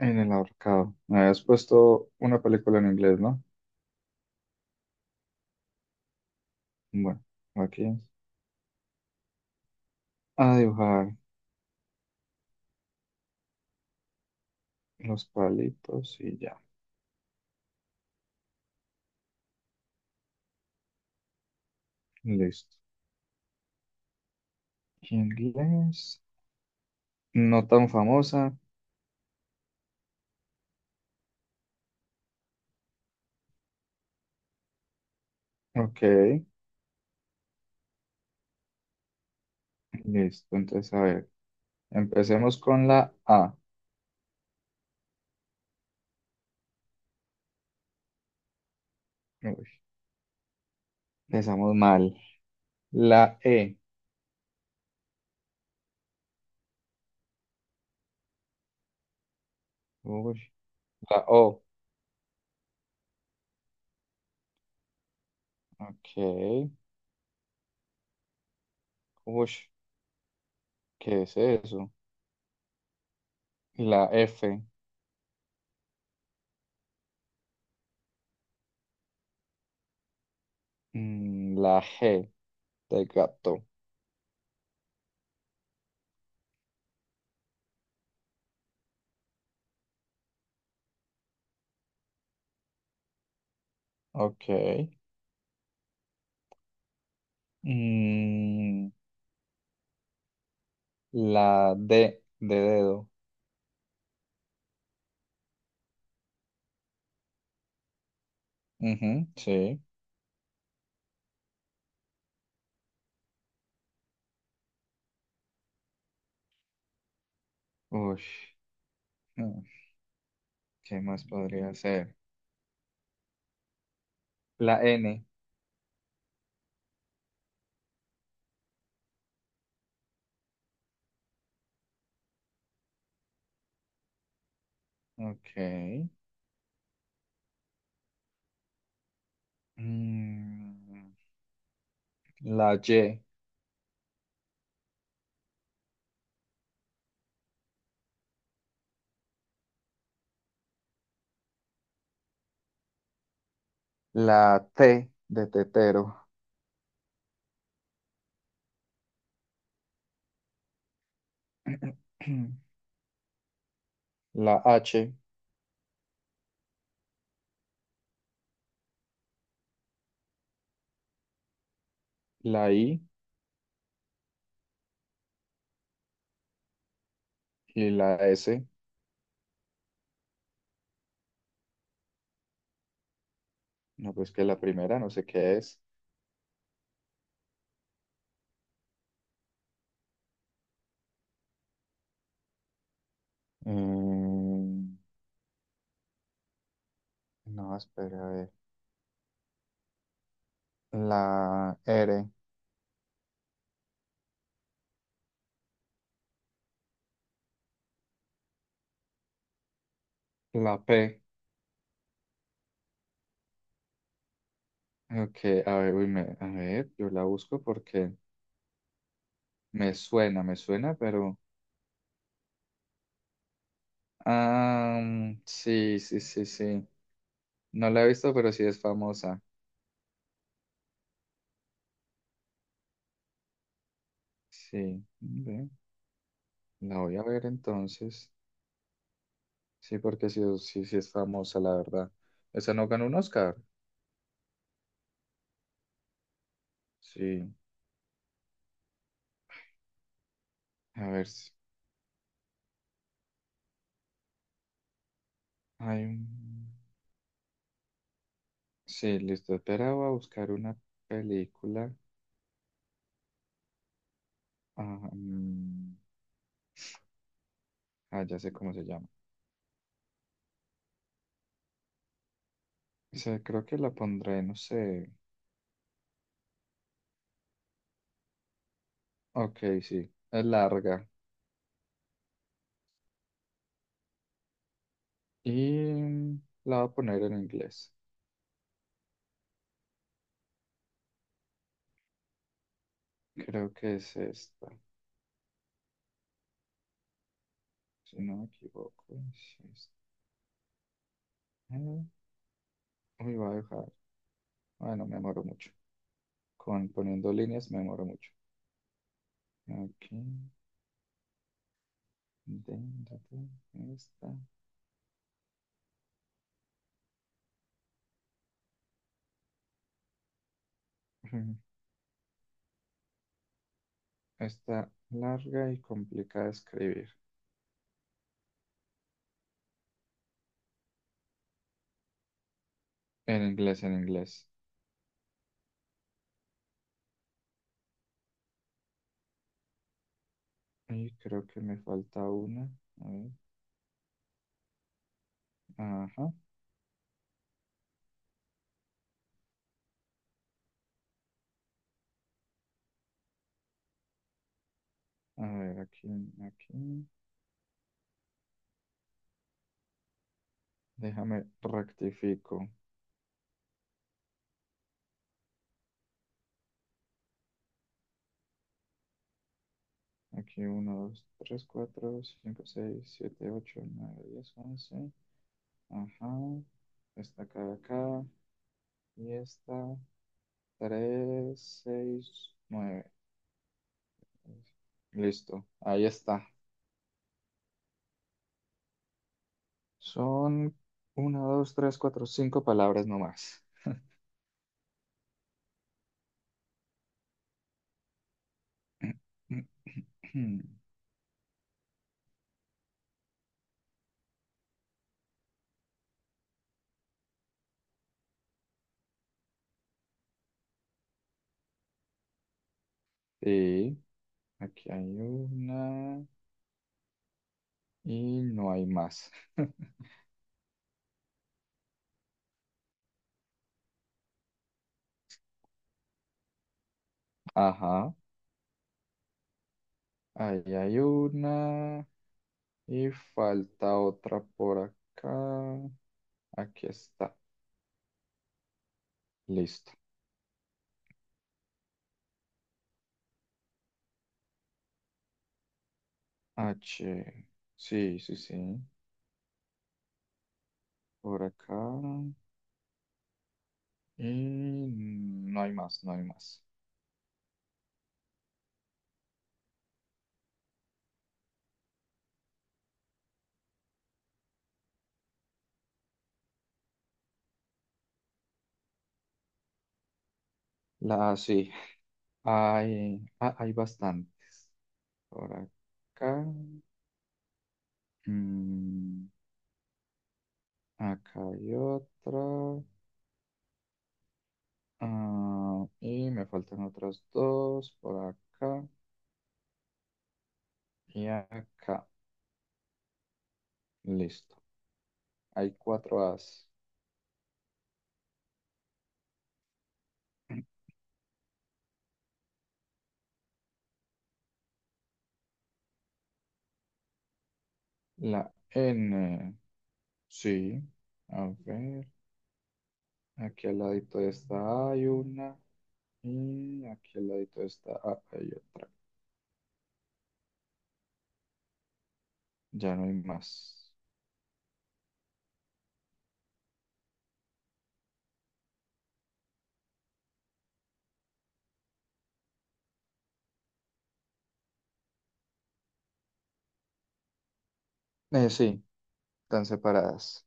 En el ahorcado. Me habías puesto una película en inglés, ¿no? Bueno, aquí es. A dibujar los palitos y ya. Listo. Inglés. No tan famosa. Ok. Listo. Entonces, a ver. Empecemos con la A. Uy, empezamos mal. La E. Uy, la O. Ok. Uy, ¿qué es eso? La F. La G de gato. Ok. Mm, La D de dedo. Ujú, sí. Uy, ¿qué más podría ser? La N. Ok. Mm, la Y. La T de tetero. La H. La I. Y la S. No, pues que la primera, no sé qué es. Mm, no, espera, a ver. La R. La P. Ok, a ver, uy, a ver, yo la busco porque me suena, pero... Ah, mm, sí, sí, sí, sí. No la he visto, pero sí es famosa. Sí, ve, la voy a ver entonces. Sí, porque sí, sí, sí es famosa, la verdad. ¿Esa no ganó un Oscar? Sí. A ver. Hay un... Sí, listo. Esperaba buscar una película. Ah, mm, ah, ya sé cómo se llama. Sí, creo que la pondré, no sé. Ok, sí. Es larga. Y mm, la voy a poner en inglés. Creo que es esta. Si no me equivoco, es esta. Uy, voy a dejar. Bueno, me demoro mucho. Con poniendo líneas me demoro mucho. Aquí, de- de- esta. Está larga y complicada de escribir. En inglés, en inglés. Y creo que me falta una. A ver. Ajá. A ver, aquí, aquí. Déjame rectifico. Aquí uno, 2, 3, 4, 5, 6, 7, 8, 9, 10, 11. Ajá. Esta acá, de acá. Y esta. Tres, seis, nueve. Listo. Ahí está. Son una, dos, tres, cuatro, cinco palabras nomás. Sí. Aquí hay una. Y no hay más. Ajá. Ahí hay una. Y falta otra por acá. Aquí está. Listo. H. Sí, sí, sí. Por acá. Y no hay más, no hay más. La, sí. Hay, ah, hay bastante. Por acá. Mm, acá hay otra. Ah, y me faltan otras dos. Por acá y acá. Listo. Hay cuatro As. La N. Sí. A ver. Aquí al ladito de esta hay una. Y aquí al ladito de esta A hay otra. Ya no hay más. Sí, están separadas.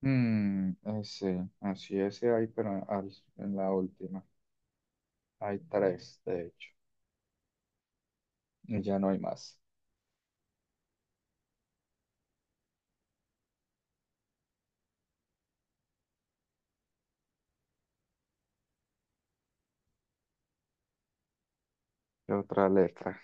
Mm, ese, así ese hay, pero en la última. Hay tres, de hecho. Y ya no hay más. ¿Qué otra letra?